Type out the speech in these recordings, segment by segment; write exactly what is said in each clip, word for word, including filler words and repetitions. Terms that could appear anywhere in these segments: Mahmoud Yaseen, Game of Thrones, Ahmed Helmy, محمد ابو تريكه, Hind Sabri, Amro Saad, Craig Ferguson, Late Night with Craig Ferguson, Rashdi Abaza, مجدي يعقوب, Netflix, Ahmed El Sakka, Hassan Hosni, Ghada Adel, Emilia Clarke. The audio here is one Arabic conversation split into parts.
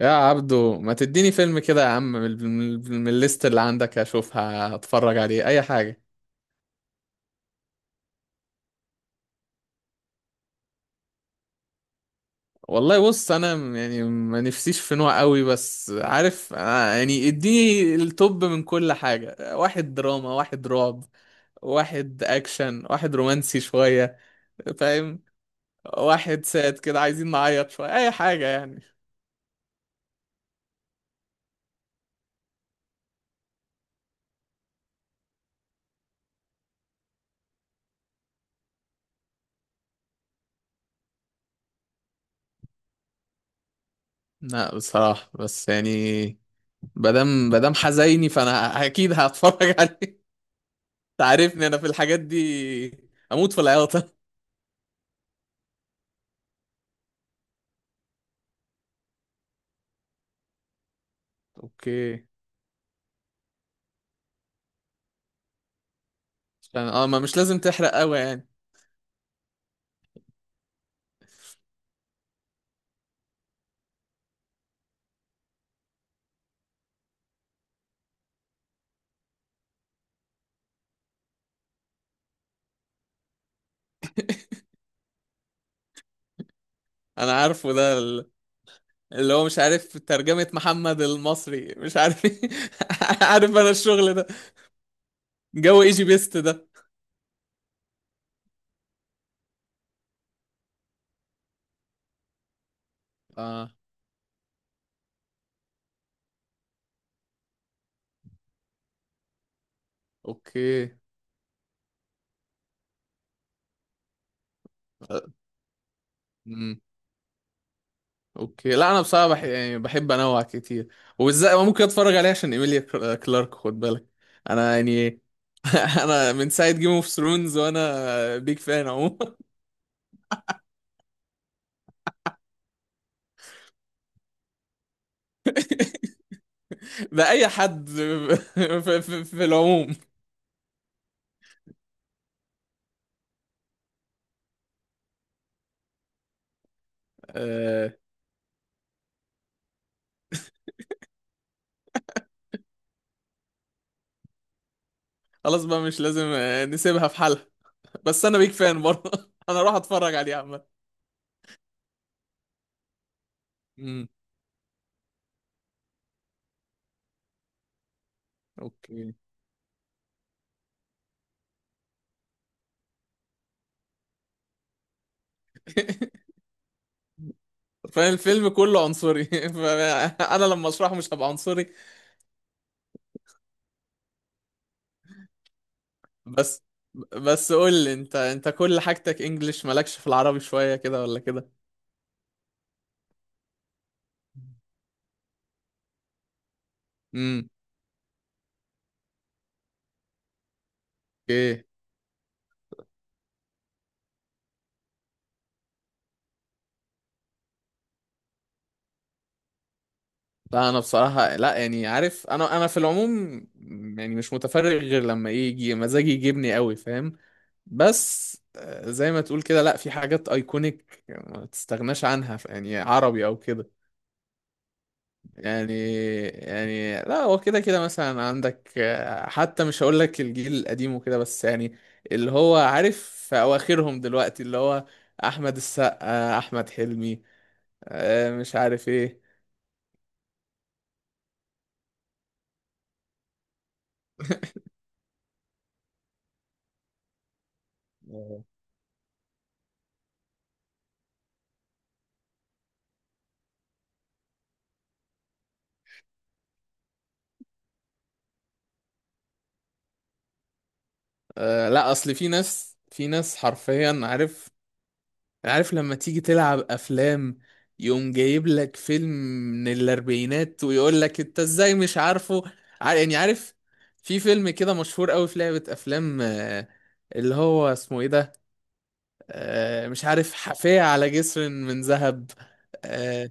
يا عبدو ما تديني فيلم كده يا عم من من- من الليست اللي عندك اشوفها اتفرج عليه اي حاجة. والله بص انا م- يعني ما نفسيش في نوع قوي، بس عارف آه، يعني اديني التوب من كل حاجة. واحد دراما، واحد رعب، واحد اكشن، واحد رومانسي شوية، فاهم؟ واحد ساد كده عايزين نعيط شوية اي حاجة يعني. لا بصراحة بس يعني مادام مادام حزيني فانا اكيد هتفرج عليه. تعرفني انا في الحاجات دي اموت في العياطه. اوكي. عشان- اه ما مش لازم تحرق قوي يعني. انا عارفه ده ال- اللي هو مش عارف ترجمة محمد المصري مش عارف إيه. عارف انا الشغل ده. جو ايجي بيست ده. اه. اوكي. امم. اوكي. لا انا بصراحه بح... يعني بحب انوع كتير، وبالذات ممكن اتفرج عليه عشان ايميليا كلا- كلارك، خد بالك. انا يعني انا من ساعه جيم اوف ثرونز وانا بيج فان اهو. ده اي حد. في, في, في العموم. آه خلاص بقى مش لازم، آه، نسيبها في حالها. بس انا بيك فان برضه انا اروح اتفرج عليه عامه. امم. اوكي. فاهم الفيلم كله عنصري، فانا لما اشرحه مش هبقى عنصري. بس بس قول لي انت، انت كل حاجتك انجليش مالكش في العربي شويه كده ولا كده؟ امم. ايه؟ لا انا بصراحه لا يعني عارف، انا انا في العموم يعني مش متفرغ غير لما يجي مزاجي يجيبني قوي، فاهم؟ بس آه، زي ما تقول كده، لا في حاجات ايكونيك ما تستغناش عنها، ف- يعني عربي او كده. يعني يعني لا هو كده كده، مثلا عندك آه، حتى مش هقول لك الجيل القديم وكده بس يعني اللي هو عارف في اواخرهم دلوقتي اللي هو احمد السقا، احمد حلمي، آه، مش عارف ايه. آه. آه، لا اصل في ناس، في ناس حرفيا عارف. عارف لما تيجي تلعب افلام يقوم جايب لك فيلم من الاربعينات ويقول لك انت ازاي مش عارفه. عار- يعني عارف في فيلم كده مشهور قوي في لعبة افلام، آه، اللي هو اسمه ايه ده؟ آه، مش عارف، حافية على جسر من ذهب. آه،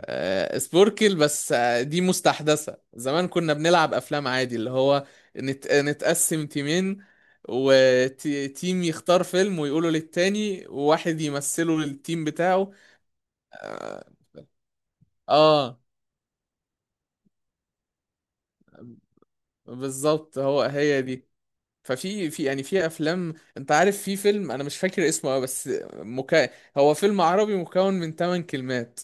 آه، سبوركل. بس آه، دي مستحدثة، زمان كنا بنلعب أفلام عادي اللي هو نت... نتقسم تيمين وتيم يختار فيلم ويقوله للتاني، وواحد يمثله للتيم بتاعه. اه. آه، بالظبط، هو هي دي. ففي في يعني في افلام، انت عارف في فيلم انا مش فاكر اسمه أوي، بس مكا... هو فيلم عربي مكون من ثماني كلمات.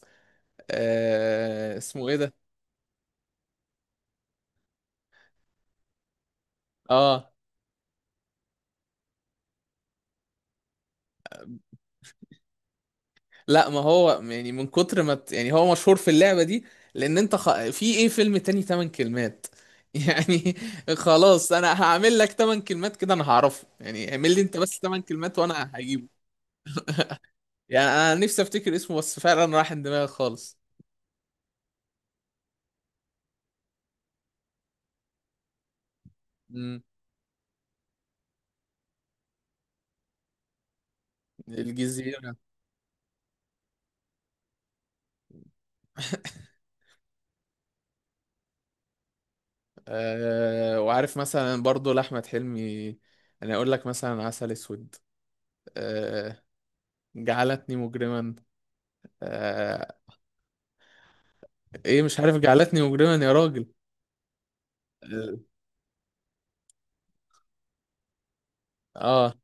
آه... اسمه ايه ده؟ اه. لا ما هو يعني من كتر ما ت- يعني هو مشهور في اللعبة دي، لأن أنت خ... في إيه فيلم تاني تمن كلمات يعني. خلاص أنا هعمل لك تمن كلمات كده أنا هعرفه. يعني اعمل لي أنت بس تمن كلمات وأنا هجيبه. يعني أنا نفسي أفتكر اسمه بس فعلا راح من دماغي خالص. مم. الجزيرة. أه، وعارف مثلا برضو لأحمد حلمي. أنا أقول لك مثلا عسل أسود. أه، جعلتني مجرما. أه. إيه مش عارف جعلتني مجرما يا راجل. اه،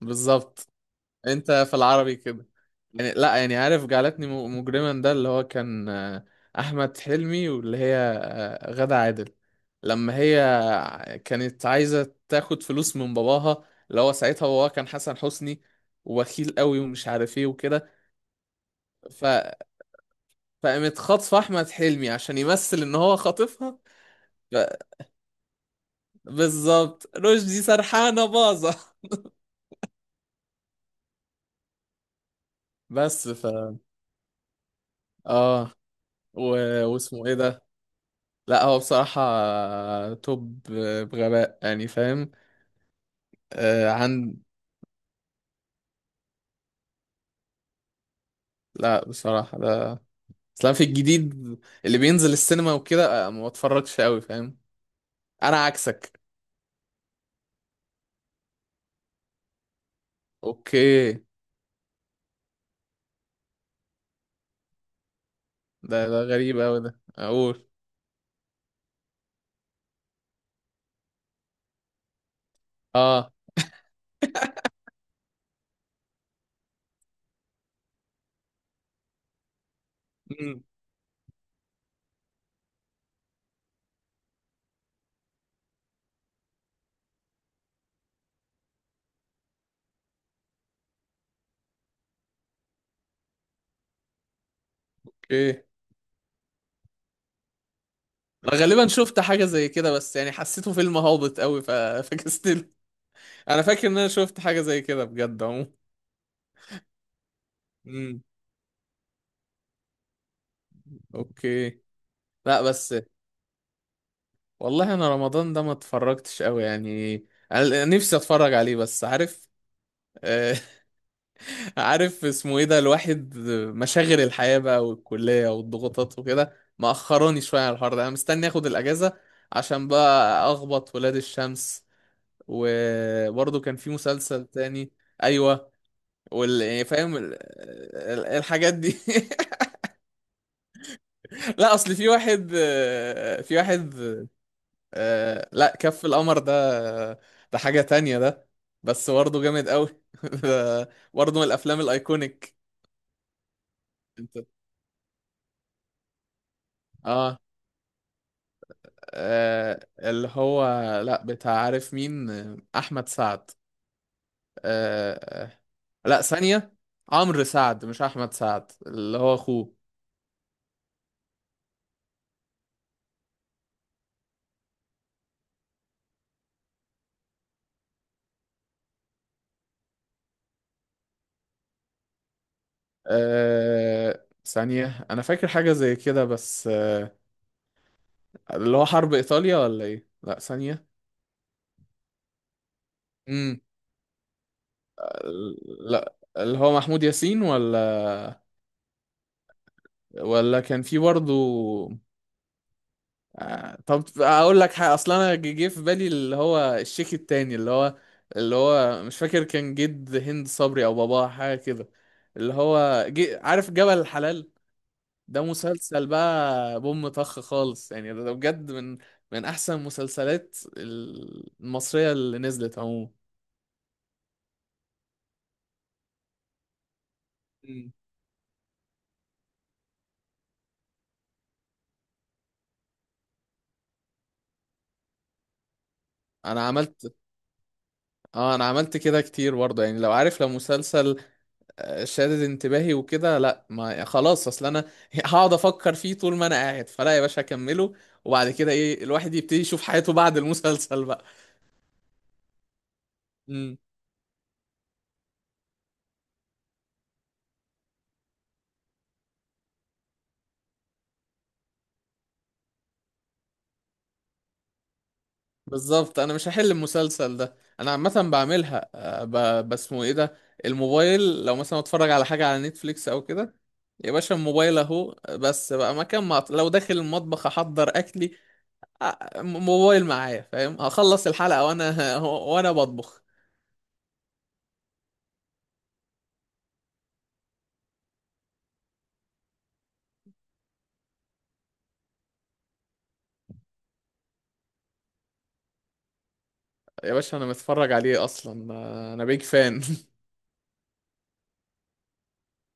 بالظبط. انت في العربي كده يعني. لا يعني عارف جعلتني م- مجرما ده اللي هو كان آه، احمد حلمي واللي هي آه، غادة عادل، لما هي كانت عايزه تاخد فلوس من باباها، اللي هو ساعتها باباها كان حسن حسني، وبخيل قوي ومش عارف ايه وكده. ف... فقامت خاطفه احمد حلمي عشان يمثل ان هو خاطفها. ف... بالظبط، رشدي سرحانه باظه. بس ف اه و... واسمه ايه ده؟ لا هو بصراحة توب، بغباء يعني، فاهم؟ آه عن. لا بصراحة ده اصلا في الجديد اللي بينزل السينما وكده، آه، ما بتفرجش قوي فاهم. انا عكسك. اوكي. ده ده غريب قوي ده، اقول اه. مم. اوكي. أنا غالبا شفت حاجة زي كده، بس يعني حسيته فيلم هابط قوي، ف... فكستله. انا فاكر ان انا شفت حاجة زي كده بجد عموما. مم. اوكي. لا بس والله انا رمضان ده ما اتفرجتش قوي يعني. انا نفسي اتفرج عليه، بس عارف آه، عارف اسمه ايه ده الواحد، مشاغل الحياة بقى والكلية والضغوطات وكده مأخراني شوية على الحوار ده. انا مستني اخد الاجازة عشان بقى اخبط ولاد الشمس. وبرضه كان في مسلسل تاني. ايوه. وال... يعني فاهم ال- ال- الحاجات دي. لا اصل في واحد، آه، في واحد. آه لا كف القمر ده، ده حاجة تانية ده، بس برضه جامد قوي. ده برضه من الافلام الايكونيك. انت آه, اه اللي هو، لا بتاع عارف مين آه، احمد سعد. آه. آه، لا ثانية، عمرو سعد مش احمد سعد اللي هو اخوه. آه ثانية انا فاكر حاجة زي كده بس آه اللي هو حرب ايطاليا ولا ايه، لا ثانية. امم. لا اللي هو محمود ياسين ولا ولا كان في برضه. آه، طب اقول لك حاجه، اصلا انا جه في بالي اللي هو الشيك التاني اللي هو، اللي هو مش فاكر كان جد هند صبري او باباه حاجه كده، اللي هو جي... عارف جبل الحلال. ده مسلسل بقى بوم طخ خالص يعني، ده ده بجد من من احسن المسلسلات المصريه اللي نزلت عموما. مم. انا عملت اه، انا عملت كده كتير برضه، يعني لو عارف لو مسلسل آه، شادد انتباهي وكده لا ما يعني خلاص اصل انا هقعد افكر فيه طول ما انا قاعد، فلا يا باشا اكمله، وبعد كده ايه الواحد يبتدي يشوف حياته بعد المسلسل بقى. امم. بالظبط، انا مش هحل المسلسل ده، انا عامه بعملها آه، ب- بسمه ايه ده. الموبايل لو مثلا اتفرج على حاجه على نتفليكس او كده، يا باشا الموبايل اهو. بس بقى مكان ما أط- لو داخل المطبخ احضر اكلي، آه، م- موبايل معايا، فاهم هخلص الحلقه وانا وانا بطبخ. يا باشا انا متفرج عليه اصلا. انا بيج فان.